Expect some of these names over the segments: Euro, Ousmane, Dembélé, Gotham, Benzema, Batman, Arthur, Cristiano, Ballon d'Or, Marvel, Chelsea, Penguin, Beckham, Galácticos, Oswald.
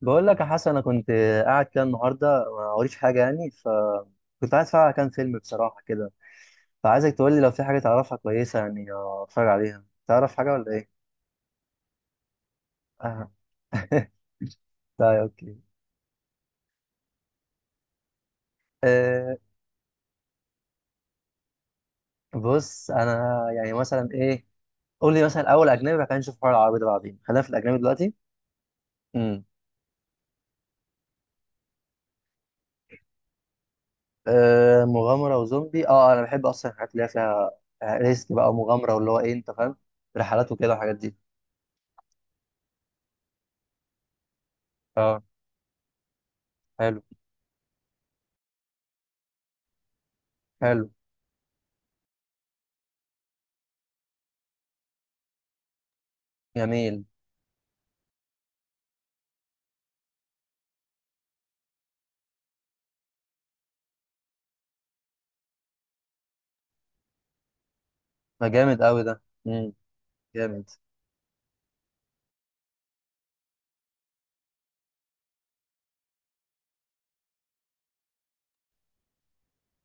بقول لك يا حسن، انا كنت قاعد كده النهارده ما وريش حاجه، يعني فكنت عايز اتفرج على كام فيلم بصراحه كده. فعايزك تقول لي لو في حاجه تعرفها كويسه يعني اتفرج عليها، تعرف حاجه ولا ايه؟ آه. طيب اوكي. أه بص، انا يعني مثلا ايه، قول لي مثلا اول اجنبي بعد كده نشوف حوار العربي ده، بعدين خلينا في الاجنبي دلوقتي. امم. مغامره وزومبي. اه انا بحب اصلا الحاجات اللي هي فيها ريسك بقى ومغامره، واللي هو ايه، انت فاهم، رحلات وكده والحاجات دي. اه. حلو حلو. جميل. ما جامد قوي ده. امم. جامد.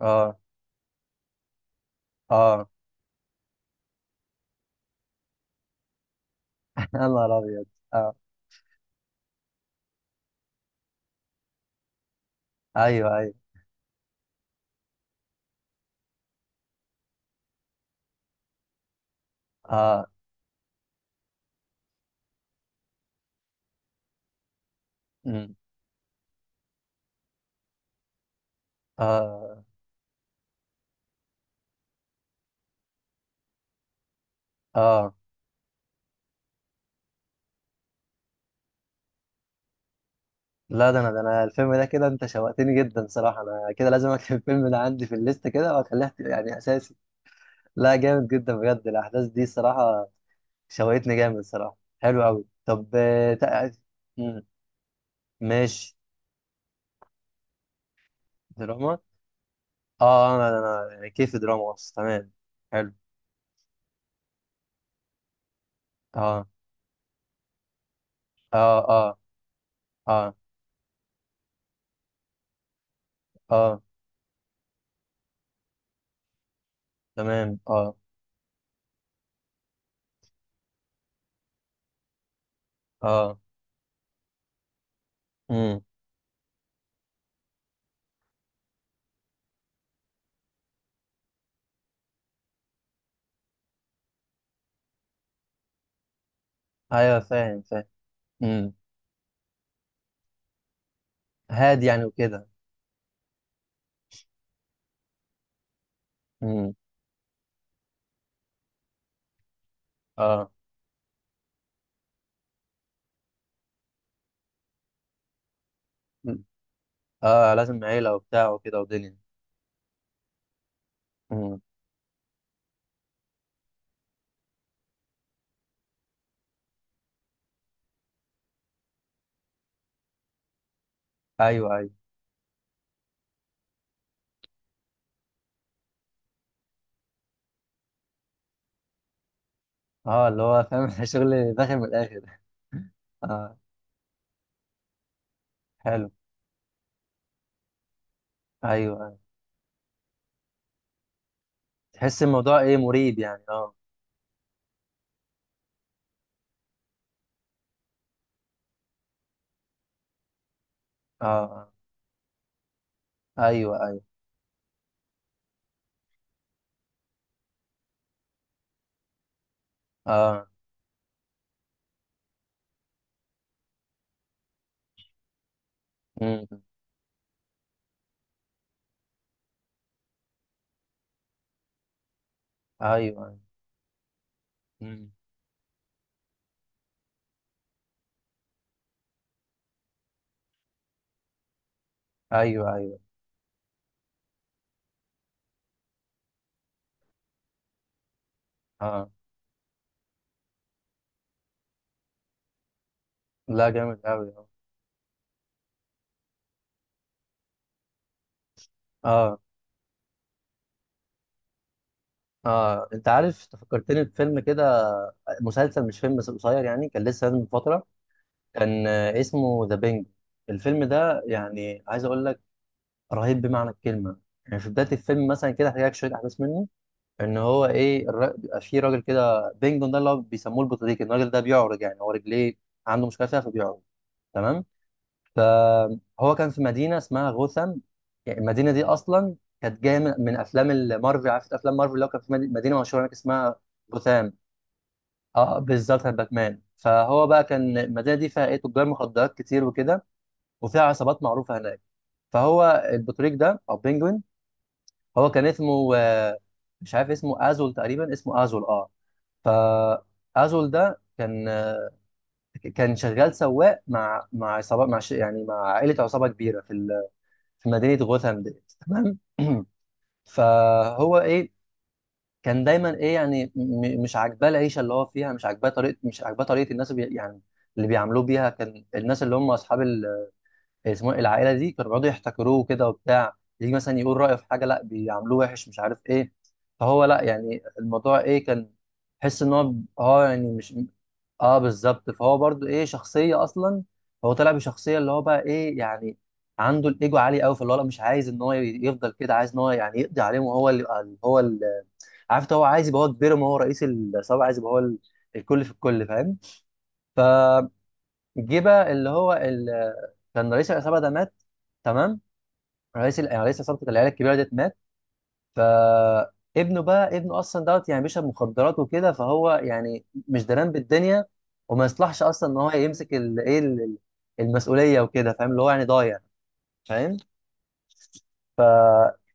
اه. اه. يا نهار ابيض. اه. ايوه ايوه. اه. امم. اه. اه. لا، ده انا الفيلم ده كده انت شوقتني جدا صراحه، انا كده لازم اكتب الفيلم ده عندي في الليست كده واخليها يعني اساسي. لا جامد جدا بجد، الاحداث دي صراحه شوقتني جامد صراحه، حلو قوي. طب مم. ماشي. دراما. اه انا يعني كيف دراما اصلا، تمام. حلو. اه. اه. اه. اه. اه. تمام. اه. اه. امم. ايوه فاهم فاهم. امم. هادي يعني وكده. امم. اه. مم. اه، لازم عيله وبتاع وكده ودنيا. امم. ايوه ايوه. اه اللي هو فاهم الشغل داخل من الاخر. اه. حلو. ايوه ايوه. تحس الموضوع ايه، مريب يعني. اه. اه. آه. ايوه ايوه. اه. امم. ايوه ايوه. امم. ايوه ايوه. اه. لا جامد قوي، اه. اه. اه، انت عارف تفكرتني بفيلم كده، مسلسل مش فيلم بس قصير، يعني كان لسه نازل من فتره. كان اسمه ذا بينج. الفيلم ده يعني عايز اقول لك رهيب بمعنى الكلمه. يعني في بدايه الفيلم مثلا كده هحكي لك شويه احداث منه. ان هو ايه بيبقى في راجل كده، بينجون ده اللي هو بيسموه البطريق، الراجل ده بيعرج، يعني هو رجليه عنده مشكله فيها فبيعرج، تمام. فهو كان في مدينه اسمها غوثام. يعني المدينه دي اصلا كانت جايه من افلام المارفل، عارف افلام مارفل، اللي هو كان في مدينه مشهوره هناك اسمها غوثام. اه بالظبط بتاعت باتمان. فهو بقى كان المدينه دي فيها ايه تجار مخدرات كتير وكده، وفيها عصابات معروفه هناك. فهو البطريق ده او بينجوين، هو كان اسمه مش عارف اسمه ازول تقريبا، اسمه ازول اه. فازول ده كان كان شغال سواق مع عصابه يعني مع عائله عصابه كبيره في مدينه غوثام ديت، تمام. فهو ايه، كان دايما ايه، يعني مش عاجباه العيشه اللي هو فيها، مش عاجباه طريقه، مش عاجباه طريقه الناس يعني اللي بيعاملوه بيها. كان الناس اللي هم اصحاب اسمه إيه، العائله دي كانوا بيقعدوا يحتكروه كده وبتاع، يجي مثلا يقول رايه في حاجه لا بيعاملوه وحش مش عارف ايه. فهو لا يعني الموضوع ايه، كان حس ان هو اه يعني مش، اه بالظبط. فهو برضو ايه شخصيه اصلا، هو طلع بشخصيه اللي هو بقى ايه يعني عنده الايجو عالي قوي، فاللي هو لا مش عايز ان هو يفضل كده، عايز ان هو يعني يقضي عليهم وهو اللي هو اللي، عارف انت، هو عايز يبقى هو كبير، ما هو رئيس العصابه عايز يبقى هو الكل في الكل، فاهم. فجه بقى اللي هو كان رئيس العصابه ده مات، تمام. رئيس يعني رئيس عصابه العيله الكبيره ديت مات. فابنه بقى، ابنه اصلا دوت يعني بيشرب مخدرات وكده فهو يعني مش دران بالدنيا، وما يصلحش اصلا ان هو يمسك المسؤوليه وكده، فاهم اللي هو يعني ضايع، فاهم.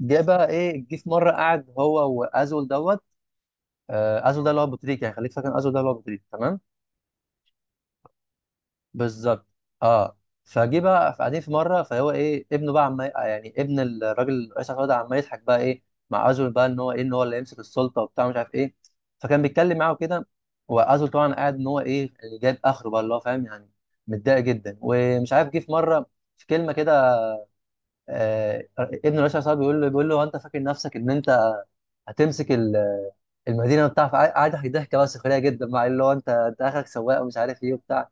جه بقى ايه، جه في مره قعد هو وازول دوت. ازول ده اللي هو ابو تريكه، يعني خليك فاكر ازول ده اللي هو ابو تريكه، تمام. بالظبط. اه. فجه بقى قاعدين في مره، فهو ايه ابنه بقى، عم يعني ابن الراجل رئيس الوزراء ده، عمال يضحك بقى ايه مع ازول بقى، ان هو ايه ان هو اللي يمسك السلطه وبتاع مش عارف ايه. فكان بيتكلم معاه كده، وازول طبعا قاعد ان هو ايه، اللي جايب اخره بقى اللي هو فاهم يعني متضايق جدا ومش عارف. جه في مره في كلمه كده، آه ابن رئيس الوزراء بيقول له هو انت فاكر نفسك ان انت هتمسك المدينه بتاعك، قاعد ضحك ضحكه بقى سخريه جدا مع اللي هو انت انت اخرك سواق ومش عارف ايه وبتاع.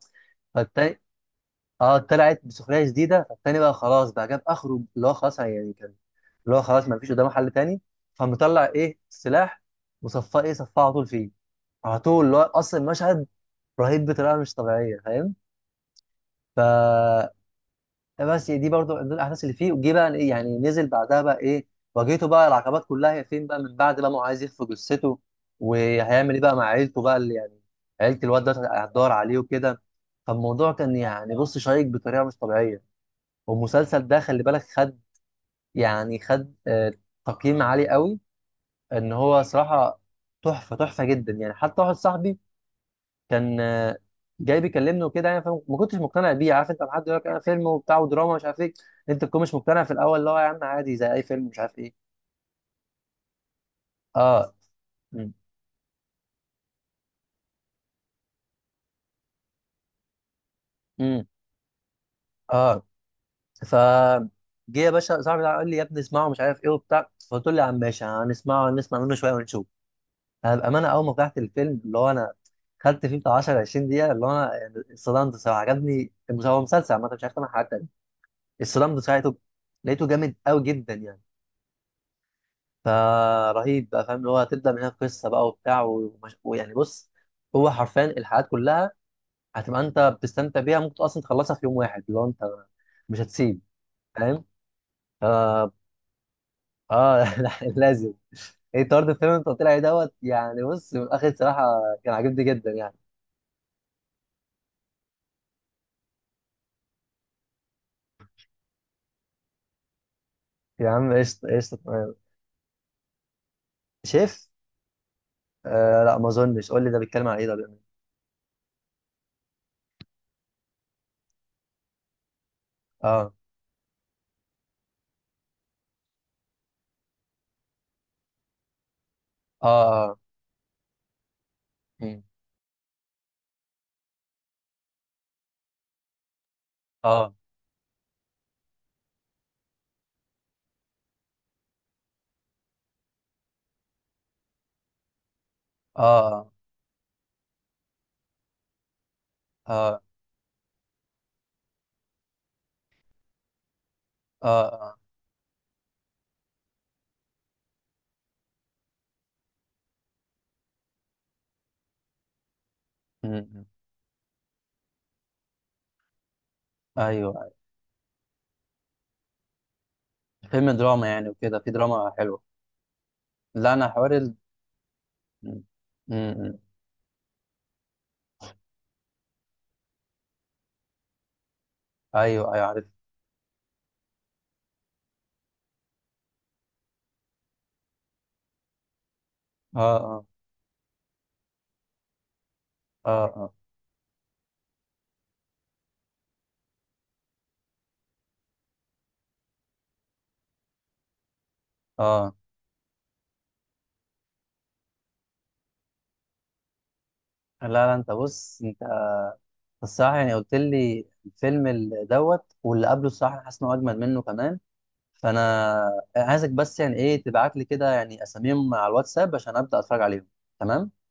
اه طلعت بسخريه شديده، فالتاني بقى خلاص بقى جاب اخره، اللي هو خلاص يعني كان اللي هو خلاص ما فيش قدامه حل تاني. فمطلع ايه السلاح وصفاه ايه، صفاه على طول فيه، على طول، اللي هو اصلا المشهد رهيب بطريقه مش طبيعيه، فاهم. ف آه بس دي برضو من ضمن الاحداث اللي فيه، وجي بقى إيه يعني، نزل بعدها بقى ايه، واجهته بقى العقبات كلها. هي فين بقى من بعد بقى ما هو عايز يخفي جثته، وهيعمل ايه بقى مع عيلته بقى اللي يعني عيله الواد ده هتدور عليه وكده. فالموضوع كان يعني بص شيق بطريقه مش طبيعيه، والمسلسل ده خلي بالك خد، يعني خد تقييم عالي قوي، ان هو صراحه تحفه تحفه جدا يعني. حتى واحد صاحبي كان جاي بيكلمني وكده، يعني فما ما كنتش مقتنع بيه، عارف انت لما حد يقول لك انا فيلم وبتاع ودراما مش عارف ايه، انت تكون مش مقتنع في الاول اللي هو يا عم عادي زي اي فيلم مش عارف ايه. اه. امم. أمم، اه. ف جه يا باشا صاحبي ده قال لي يا ابني اسمعه مش عارف ايه وبتاع، فقلت له يا عم ماشي، هنسمعه نسمع منه شويه ونشوف. انا بامانه اول ما فتحت الفيلم، اللي هو انا خدت فيه بتاع 10 20 دقيقه، اللي هو انا يعني اتصدمت الصراحه، عجبني هو مسلسل عامه مش عارف انا، حاجات تانية اتصدمت ساعته. لقيته جامد قوي جدا يعني. فرهيب بقى فاهم، اللي هو هتبدا من هنا قصه بقى وبتاع ويعني بص هو حرفيا الحلقات كلها هتبقى انت بتستمتع بيها، ممكن اصلا تخلصها في يوم واحد، اللي هو انت مش هتسيب، فاهم. ف... اه لازم. ايه طرد الفيلم اللي انت قلت لي عليه دوت، يعني بص من الاخر صراحه كان عاجبني جدا يعني. يا عم قشطة قشطة. شيف. آه لا ما اظنش، قول لي ده بيتكلم عن ايه، ده بيعمل إيه؟ اه. اه. اه. مم. اه. اه. اه. اه. اه. مم، مم. ايوه. فيلم دراما يعني وكده في دراما حلوه. لا انا حوار مم، مم. ايوه ايوه عارف. اه. اه. اه. اه. اه. لا لا انت بص، انت الصراحه يعني قلت لي الفيلم دوت واللي قبله، الصراحه أنا حاسس انه اجمل منه كمان، فانا عايزك بس يعني ايه تبعت لي كده يعني اساميهم على الواتساب عشان ابدا اتفرج عليهم، تمام.